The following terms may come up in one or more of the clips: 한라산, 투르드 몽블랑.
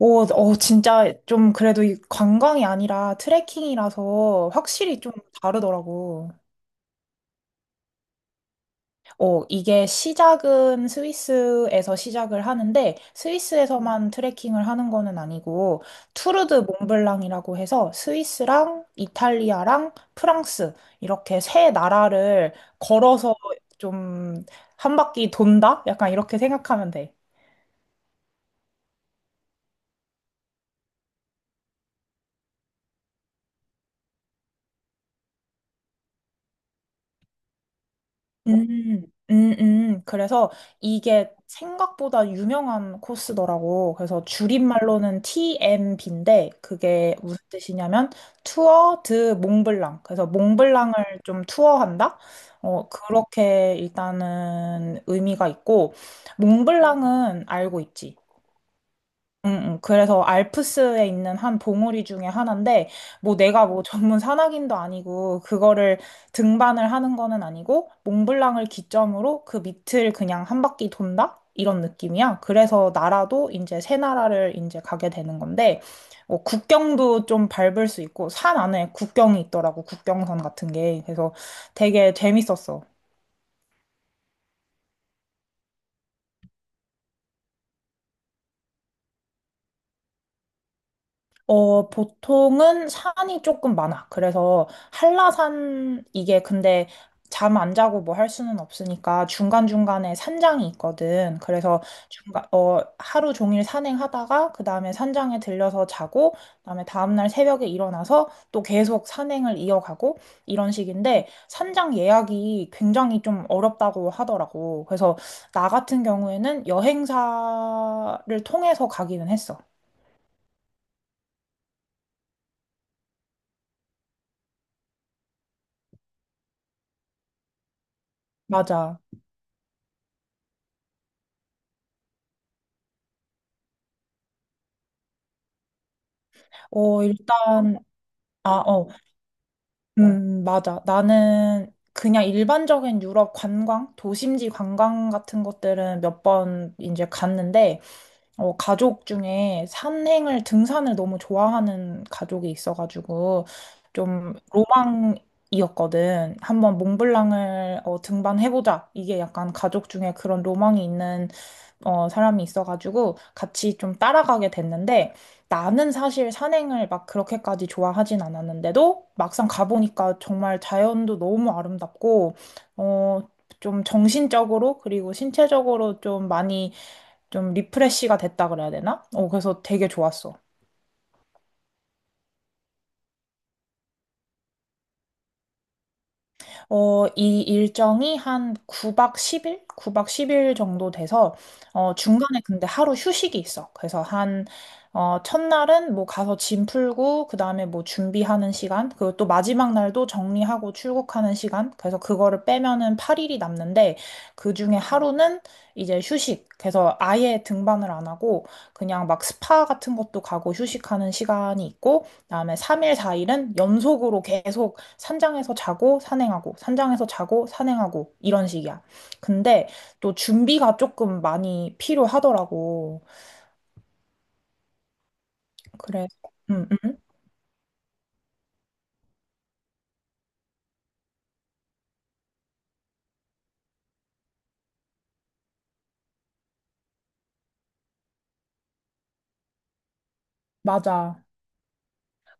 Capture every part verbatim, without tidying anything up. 오, 어, 진짜 좀 그래도 이 관광이 아니라 트레킹이라서 확실히 좀 다르더라고. 어, 이게 시작은 스위스에서 시작을 하는데 스위스에서만 트레킹을 하는 거는 아니고 투르드 몽블랑이라고 해서 스위스랑 이탈리아랑 프랑스 이렇게 세 나라를 걸어서 좀 한 바퀴 돈다? 약간 이렇게 생각하면 돼. 음, 음, 음. 그래서 이게 생각보다 유명한 코스더라고. 그래서 줄임말로는 티엠비인데 그게 무슨 뜻이냐면 투어 드 몽블랑. 그래서 몽블랑을 좀 투어한다? 어, 그렇게 일단은 의미가 있고 몽블랑은 알고 있지. 응, 응. 그래서 알프스에 있는 한 봉우리 중에 하나인데, 뭐 내가 뭐 전문 산악인도 아니고, 그거를 등반을 하는 거는 아니고, 몽블랑을 기점으로 그 밑을 그냥 한 바퀴 돈다? 이런 느낌이야. 그래서 나라도 이제 세 나라를 이제 가게 되는 건데, 어, 국경도 좀 밟을 수 있고, 산 안에 국경이 있더라고, 국경선 같은 게. 그래서 되게 재밌었어. 어, 보통은 산이 조금 많아. 그래서 한라산, 이게 근데 잠 안 자고 뭐 할 수는 없으니까 중간중간에 산장이 있거든. 그래서 중간, 어, 하루 종일 산행하다가 그 다음에 산장에 들려서 자고, 그 다음에 다음날 새벽에 일어나서 또 계속 산행을 이어가고 이런 식인데 산장 예약이 굉장히 좀 어렵다고 하더라고. 그래서 나 같은 경우에는 여행사를 통해서 가기는 했어. 맞아. 어, 일단, 아, 어, 음, 맞아. 나는 그냥 일반적인 유럽 관광, 도심지 관광 같은 것들은 몇 번 이제 갔는데, 어, 가족 중에 산행을, 등산을 너무 좋아하는 가족이 있어가지고, 좀 로망이었거든. 한번 몽블랑을 어, 등반해보자. 이게 약간 가족 중에 그런 로망이 있는 어, 사람이 있어가지고, 같이 좀 따라가게 됐는데, 나는 사실 산행을 막 그렇게까지 좋아하진 않았는데도 막상 가보니까 정말 자연도 너무 아름답고, 어, 좀 정신적으로 그리고 신체적으로 좀 많이 좀 리프레시가 됐다 그래야 되나? 어, 그래서 되게 좋았어. 어, 이 일정이 한 구 박 십 일? 구 박 십 일 정도 돼서, 어, 중간에 근데 하루 휴식이 있어. 그래서 한, 어, 첫날은 뭐 가서 짐 풀고, 그 다음에 뭐 준비하는 시간, 그리고 또 마지막 날도 정리하고 출국하는 시간. 그래서 그거를 빼면은 팔 일이 남는데, 그 중에 하루는 이제 휴식. 그래서 아예 등반을 안 하고, 그냥 막 스파 같은 것도 가고 휴식하는 시간이 있고, 그다음에 삼 일, 사 일은 연속으로 계속 산장에서 자고 산행하고 산장에서 자고 산행하고 이런 식이야. 근데 또 준비가 조금 많이 필요하더라고. 그래서 음, 음. 맞아.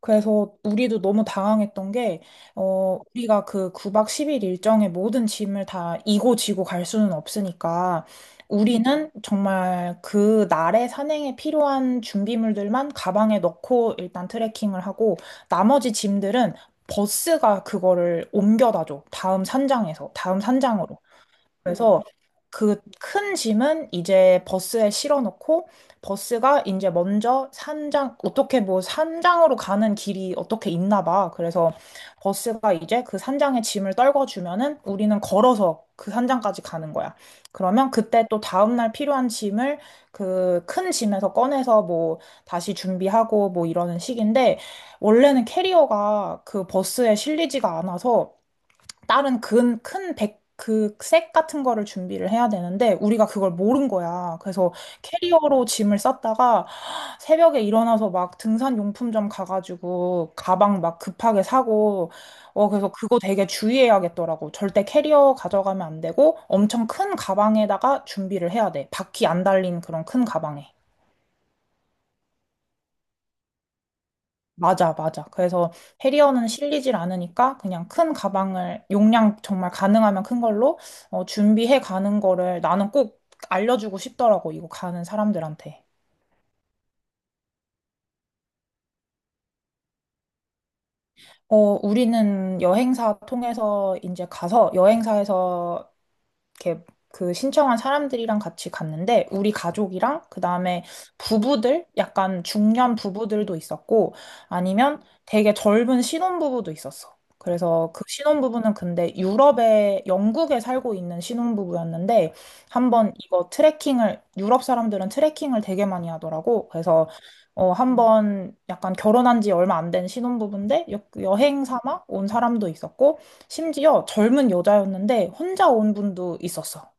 그래서 우리도 너무 당황했던 게, 어, 우리가 그 구 박 십 일 일정의 모든 짐을 다 이고 지고 갈 수는 없으니까, 우리는 정말 그 날의 산행에 필요한 준비물들만 가방에 넣고 일단 트레킹을 하고, 나머지 짐들은 버스가 그거를 옮겨다 줘. 다음 산장에서, 다음 산장으로. 음. 그래서 그 큰 짐은 이제 버스에 실어놓고 버스가 이제 먼저 산장 어떻게 뭐 산장으로 가는 길이 어떻게 있나 봐. 그래서 버스가 이제 그 산장에 짐을 떨궈주면은 우리는 걸어서 그 산장까지 가는 거야. 그러면 그때 또 다음날 필요한 짐을 그 큰 짐에서 꺼내서 뭐 다시 준비하고 뭐 이러는 식인데 원래는 캐리어가 그 버스에 실리지가 않아서 다른 큰, 큰 백, 그색 같은 거를 준비를 해야 되는데 우리가 그걸 모른 거야. 그래서 캐리어로 짐을 쌌다가 새벽에 일어나서 막 등산 용품점 가가지고 가방 막 급하게 사고 어 그래서 그거 되게 주의해야겠더라고. 절대 캐리어 가져가면 안 되고 엄청 큰 가방에다가 준비를 해야 돼. 바퀴 안 달린 그런 큰 가방에. 맞아, 맞아. 그래서 해리어는 실리질 않으니까 그냥 큰 가방을 용량 정말 가능하면 큰 걸로 어, 준비해 가는 거를 나는 꼭 알려주고 싶더라고, 이거 가는 사람들한테. 어, 우리는 여행사 통해서 이제 가서 여행사에서 이렇게 그 신청한 사람들이랑 같이 갔는데 우리 가족이랑 그다음에 부부들 약간 중년 부부들도 있었고 아니면 되게 젊은 신혼부부도 있었어. 그래서 그 신혼부부는 근데 유럽에 영국에 살고 있는 신혼부부였는데 한번 이거 트레킹을 유럽 사람들은 트레킹을 되게 많이 하더라고. 그래서 어 한번 약간 결혼한 지 얼마 안 된 신혼부부인데 여, 여행 삼아 온 사람도 있었고 심지어 젊은 여자였는데 혼자 온 분도 있었어.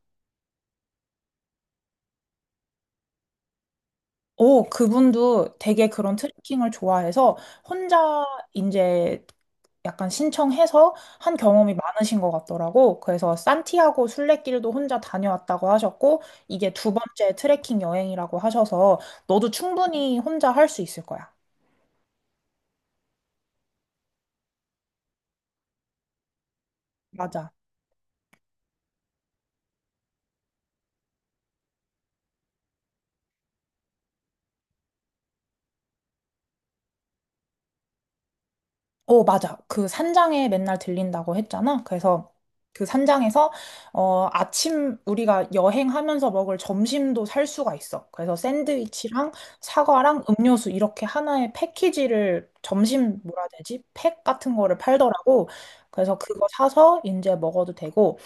오, 그분도 되게 그런 트레킹을 좋아해서 혼자 이제 약간 신청해서 한 경험이 많으신 것 같더라고. 그래서 산티아고 순례길도 혼자 다녀왔다고 하셨고, 이게 두 번째 트레킹 여행이라고 하셔서 너도 충분히 혼자 할 수 있을 거야. 맞아. 어, 맞아. 그 산장에 맨날 들린다고 했잖아. 그래서 그 산장에서 어, 아침 우리가 여행하면서 먹을 점심도 살 수가 있어. 그래서 샌드위치랑 사과랑 음료수 이렇게 하나의 패키지를 점심 뭐라 해야 되지? 팩 같은 거를 팔더라고. 그래서 그거 사서 이제 먹어도 되고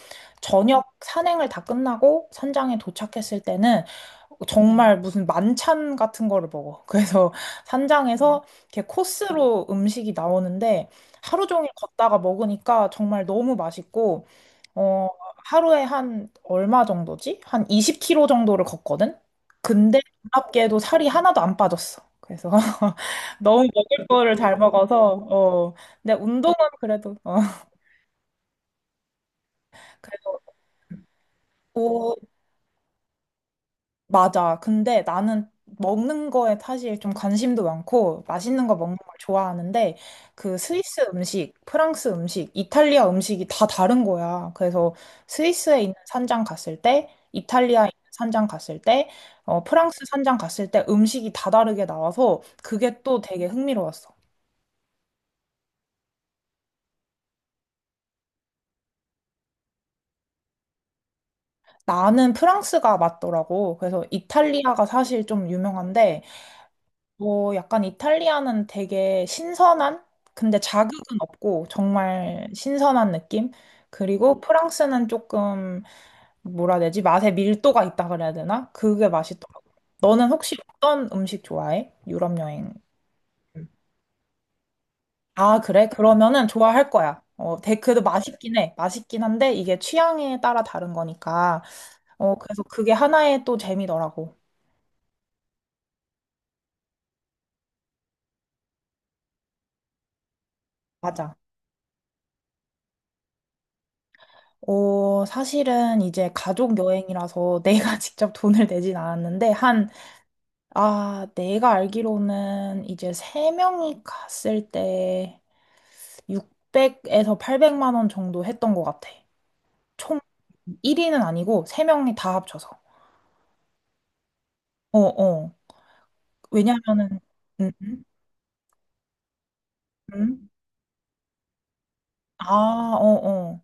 저녁 산행을 다 끝나고 산장에 도착했을 때는 정말 무슨 만찬 같은 거를 먹어. 그래서 산장에서 이렇게 코스로 음식이 나오는데 하루 종일 걷다가 먹으니까 정말 너무 맛있고 어, 하루에 한 얼마 정도지? 한 이십 킬로미터 정도를 걷거든? 근데 놀랍게도 살이 하나도 안 빠졌어. 그래서 너무 먹을 거를 잘 먹어서 어, 근데 운동은 그래도 어, 그래도 맞아. 근데 나는 먹는 거에 사실 좀 관심도 많고 맛있는 거 먹는 걸 좋아하는데 그 스위스 음식, 프랑스 음식, 이탈리아 음식이 다 다른 거야. 그래서 스위스에 있는 산장 갔을 때, 이탈리아에 있는 산장 갔을 때, 어, 프랑스 산장 갔을 때 음식이 다 다르게 나와서 그게 또 되게 흥미로웠어. 나는 프랑스가 맞더라고. 그래서 이탈리아가 사실 좀 유명한데 어, 약간 이탈리아는 되게 신선한? 근데 자극은 없고 정말 신선한 느낌? 그리고 프랑스는 조금 뭐라 해야 되지? 맛에 밀도가 있다 그래야 되나? 그게 맛있더라고. 너는 혹시 어떤 음식 좋아해? 유럽 여행. 음. 아, 그래? 그러면은 좋아할 거야. 어, 되 그래도 맛있긴 해. 맛있긴 한데 이게 취향에 따라 다른 거니까. 어, 그래서 그게 하나의 또 재미더라고. 맞아. 어, 사실은 이제 가족 여행이라서 내가 직접 돈을 내진 않았는데, 한, 아, 내가 알기로는 이제 세명이 갔을 때 육백에서 팔백만 원 정도 했던 것 같아. 총 일 위는 아니고, 세명이다 합쳐서. 어, 어. 왜냐면은, 음, 음, 음. 아, 어, 어.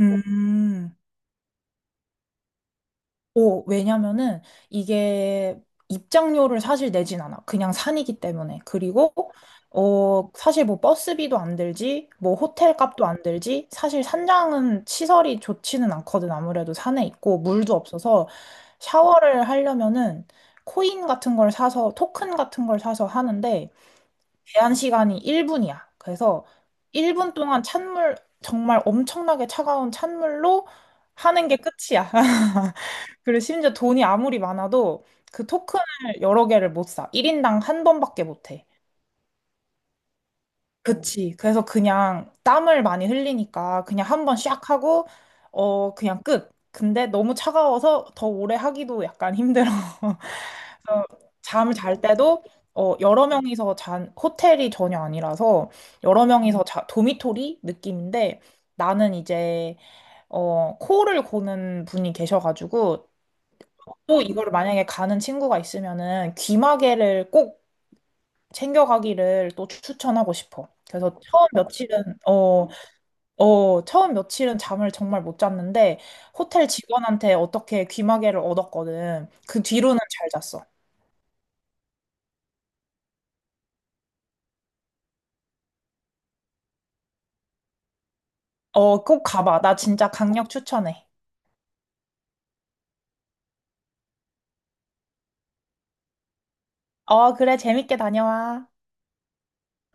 음. 오 왜냐면은 이게 입장료를 사실 내진 않아. 그냥 산이기 때문에. 그리고 어, 사실 뭐 버스비도 안 들지, 뭐 호텔 값도 안 들지. 사실 산장은 시설이 좋지는 않거든. 아무래도 산에 있고 물도 없어서 샤워를 하려면은 코인 같은 걸 사서 토큰 같은 걸 사서 하는데 제한 시간이 일 분이야. 그래서 일 분 동안 찬물, 정말 엄청나게 차가운 찬물로 하는 게 끝이야. 그리고 심지어 돈이 아무리 많아도 그 토큰을 여러 개를 못 사. 일 인당 한 번밖에 못 해. 그치. 그래서 그냥 땀을 많이 흘리니까 그냥 한 번 샥 하고, 어, 그냥 끝. 근데 너무 차가워서 더 오래 하기도 약간 힘들어. 그래서 잠을 잘 때도 어, 여러 명이서 잔, 호텔이 전혀 아니라서 여러 명이서 자, 도미토리 느낌인데 나는 이제 어, 코를 고는 분이 계셔가지고 또 이걸 만약에 가는 친구가 있으면은 귀마개를 꼭 챙겨가기를 또 추천하고 싶어. 그래서 처음 며칠은 어, 어, 처음 며칠은 잠을 정말 못 잤는데 호텔 직원한테 어떻게 귀마개를 얻었거든. 그 뒤로는 잘 잤어. 어, 꼭 가봐. 나 진짜 강력 추천해. 어, 그래. 재밌게 다녀와. 어.